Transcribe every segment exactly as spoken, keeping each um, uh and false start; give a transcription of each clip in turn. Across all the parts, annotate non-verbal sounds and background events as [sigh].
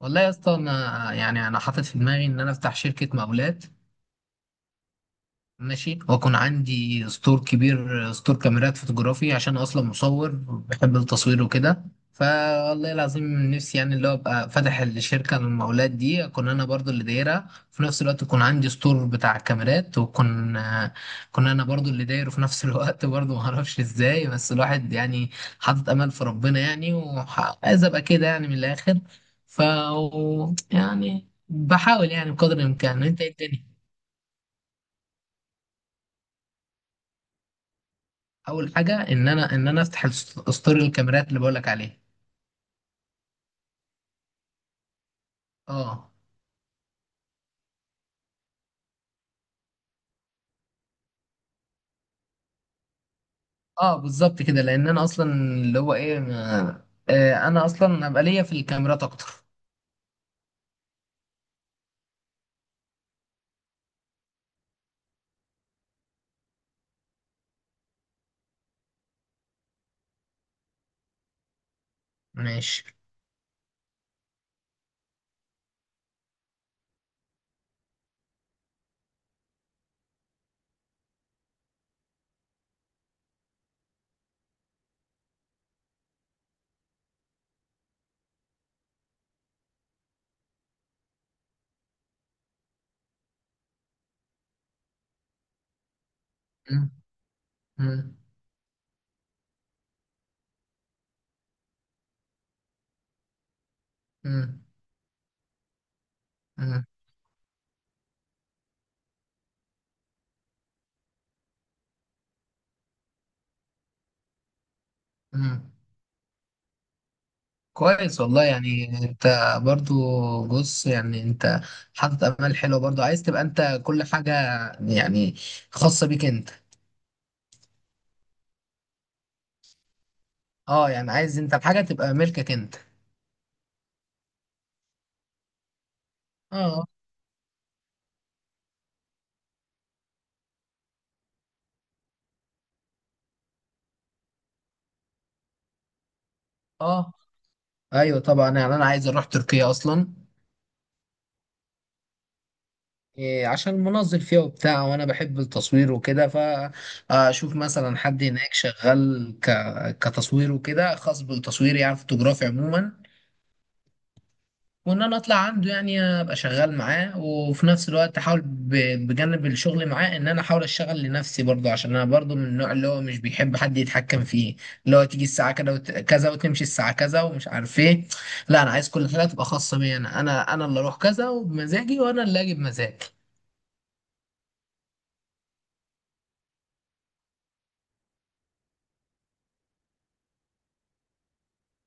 والله يا اسطى، انا يعني انا حاطط في دماغي ان انا افتح شركه مقاولات، ماشي، واكون عندي ستور كبير، ستور كاميرات فوتوغرافي عشان اصلا مصور، بحب التصوير وكده. فوالله العظيم نفسي يعني اللي هو ابقى فاتح الشركه للمقاولات دي اكون انا برضو اللي دايرها في نفس الوقت، يكون عندي ستور بتاع كاميرات واكون كنا انا برضو اللي دايره في نفس الوقت [laughs] برضو ما اعرفش ازاي، بس الواحد يعني حاطط امل في ربنا يعني، وعايز ابقى كده يعني من الاخر. ف يعني بحاول يعني بقدر الامكان، انت إيه الدنيا. اول حاجه ان انا ان انا افتح الست- ستور الكاميرات اللي بقولك عليه. اه، اه، بالظبط كده، لان انا اصلا اللي هو ايه ما- آه انا اصلا ابقى ليا في الكاميرات اكتر. ماشي. مم، مم، مم، مم، مم. كويس والله، يعني انت برضو، بص يعني انت حاطط امال حلوه برضو، عايز تبقى انت كل حاجه يعني خاصه بيك انت. اه، يعني عايز انت الحاجه تبقى ملكك انت. اه، اه، ايوه طبعا، يعني انا عايز اروح تركيا اصلا. إيه، عشان منظم فيها وبتاع، وانا بحب التصوير وكده، فاشوف مثلا حد هناك شغال ك... كتصوير وكده، خاص بالتصوير يعني فوتوغرافي عموما. وان انا اطلع عنده يعني ابقى شغال معاه، وفي نفس الوقت احاول ب... بجانب الشغل معاه ان انا احاول اشتغل لنفسي برضه، عشان انا برضه من النوع اللي هو مش بيحب حد يتحكم فيه، اللي هو تيجي الساعه كده وت... كذا وتمشي الساعه كذا ومش عارف ايه. لا، انا عايز كل حاجه تبقى خاصه بيا، انا انا انا اللي اروح كذا وبمزاجي، وانا اللي اجي بمزاجي.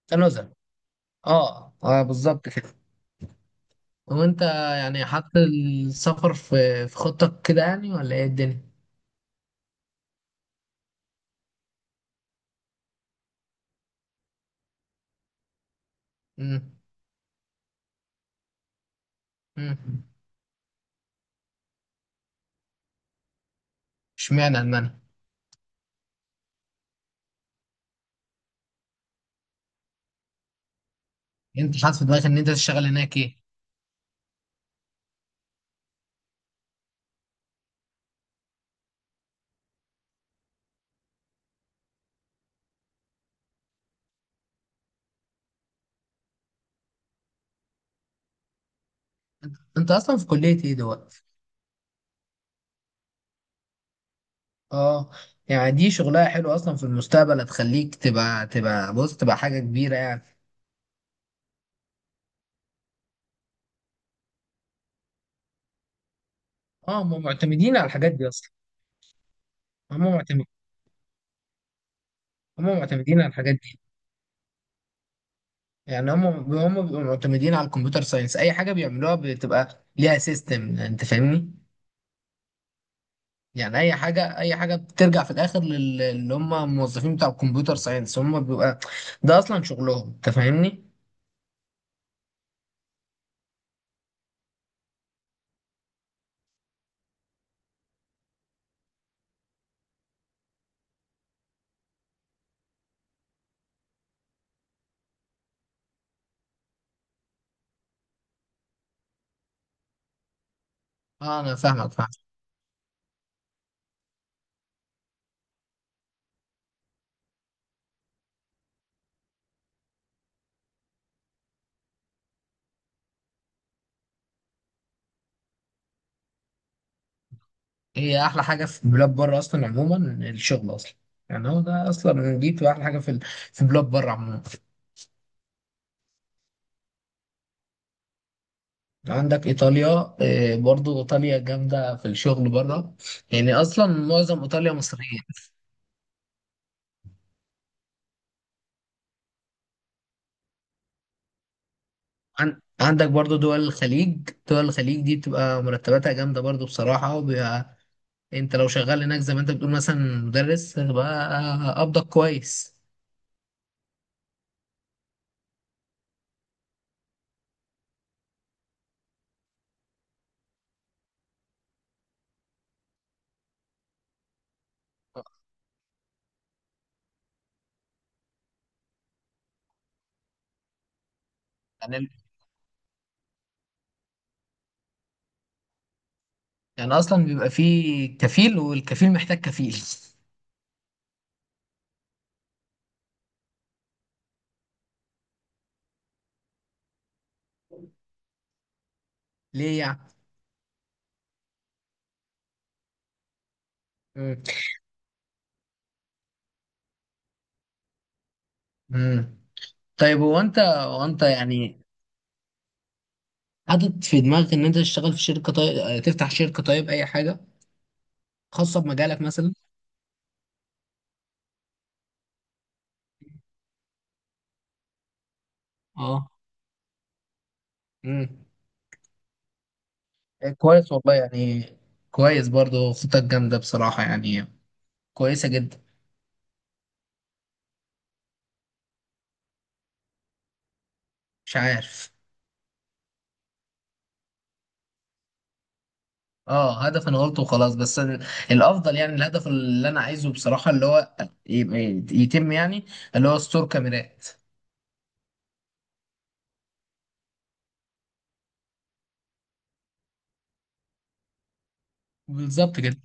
تنازل. اه، اه، بالظبط كده. وانت يعني حاطط السفر في في خطتك كده يعني، ولا ايه الدنيا؟ امم، امم. اشمعنى المانيا؟ انت حاطط في دماغك ان انت تشتغل هناك ايه؟ انت اصلا في كلية ايه دلوقتي؟ اه، يعني دي شغلها حلو اصلا، في المستقبل هتخليك تبقى تبقى بص تبقى حاجة كبيرة يعني. اه، هم معتمدين على الحاجات دي اصلا. هم معتمدين هم معتمدين على الحاجات دي. يعني هم هم بيبقوا معتمدين على الكمبيوتر ساينس، اي حاجة بيعملوها بتبقى ليها سيستم، انت فاهمني. يعني اي حاجه اي حاجه بترجع في الاخر لل- اللي هم الموظفين بتاع الكمبيوتر ساينس، هم بيبقى ده اصلا شغلهم، انت فاهمني. اه، انا فاهمك، فاهم. هي احلى حاجه في بلاد بره اصلا عموما الشغل اصلا. يعني هو ده اصلا، دي بتبقى احلى حاجه في ال- في بلاد بره عموما. عندك ايطاليا، آه، برضو ايطاليا جامده في الشغل بره، يعني اصلا معظم ايطاليا مصريين. عن- عندك برضو دول الخليج دول الخليج دي بتبقى مرتباتها جامده برضو بصراحه، وبيبقى انت لو شغال هناك زي ما انت بتقول مثلا مدرس، هتبقى قبضك كويس. يعني يعني اصلا بيبقى فيه كفيل، والكفيل محتاج كفيل. [laughs] ليه يعني؟ مم. مم. طيب هو انت هو انت يعني حاطط في دماغك ان انت تشتغل في شركه، طيب اه، تفتح شركه، طيب اي حاجه خاصه بمجالك مثلا. اه. امم. كويس والله يعني، كويس برضو، خطتك جامده بصراحه يعني، كويسه جدا. مش عارف. اه، هدف انا قلته وخلاص، بس ال- الافضل يعني، الهدف اللي انا عايزه بصراحه اللي هو ي- يتم يعني، اللي هو ستور كاميرات. بالظبط كده.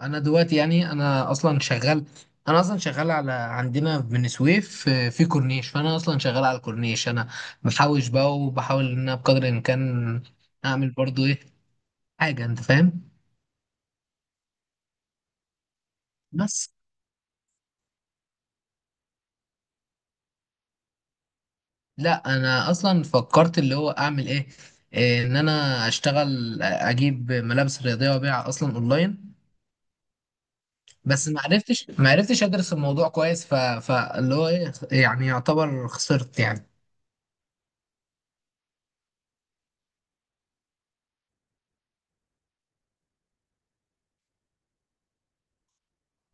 انا دلوقتي يعني انا اصلا شغال انا اصلا شغال على عندنا في بني سويف، آه، في كورنيش، فانا اصلا شغال على الكورنيش انا، بحوش بقى وبحاول ان انا بقدر الامكان اعمل برضو ايه، حاجه، انت فاهم. بس لا، انا اصلا فكرت اللي هو اعمل ايه، إيه، ان انا اشتغل اجيب ملابس رياضيه وابيعها اصلا اونلاين. بس ما عرفتش ما عرفتش ادرس الموضوع كويس، ف... فاللي هو ايه يعني، يعتبر خسرت يعني.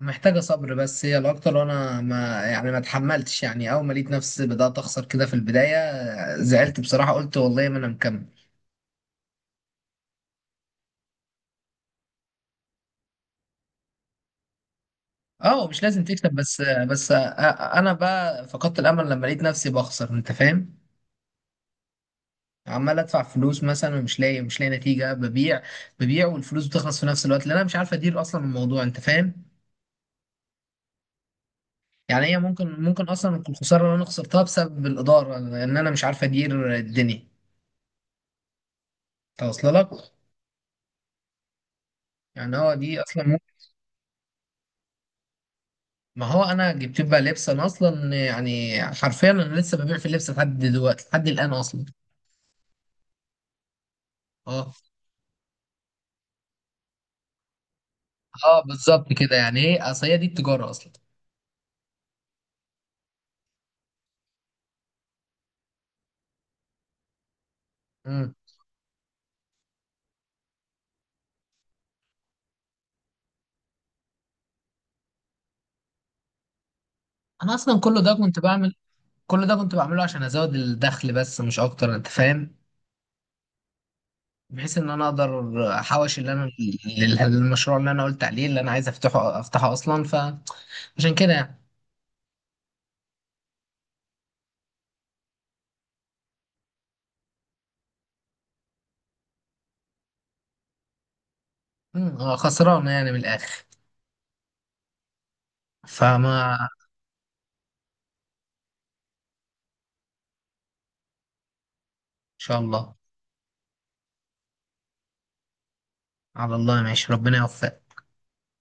محتاجه صبر بس هي الاكتر، وانا ما يعني ما اتحملتش يعني، اول ما لقيت نفسي بدات اخسر كده في البدايه زعلت بصراحه، قلت والله ما انا مكمل. اه، مش لازم تكسب، بس بس أ- انا بقى فقدت الامل لما لقيت نفسي بخسر، انت فاهم. عمال ادفع فلوس مثلا، ومش لاقي، مش لاقي نتيجه، ببيع ببيع والفلوس بتخلص في نفس الوقت، لان انا مش عارف ادير اصلا الموضوع، انت فاهم. يعني هي ممكن ممكن اصلا تكون الخساره اللي انا خسرتها بسبب الاداره، ان انا مش عارف ادير الدنيا توصل لك. يعني هو دي اصلا ممكن. ما هو انا جبت بقى لبس، انا اصلا يعني حرفيا انا لسه ببيع في اللبس لحد دلوقتي، لحد الان اصلا. اه، اه، بالظبط كده يعني. ايه، اصل هي دي التجاره اصلا. مم. انا اصلا كل ده كنت بعمل كل ده كنت بعمله عشان ازود الدخل بس، مش اكتر، انت فاهم، بحيث ان انا اقدر احوش اللي انا، المشروع اللي انا قلت عليه، اللي انا عايز افتحه افتحه اصلا، فعشان كده يعني. مم، خسرانه يعني من الاخر. فما ان شاء الله، على الله، ماشي، ربنا يوفقك.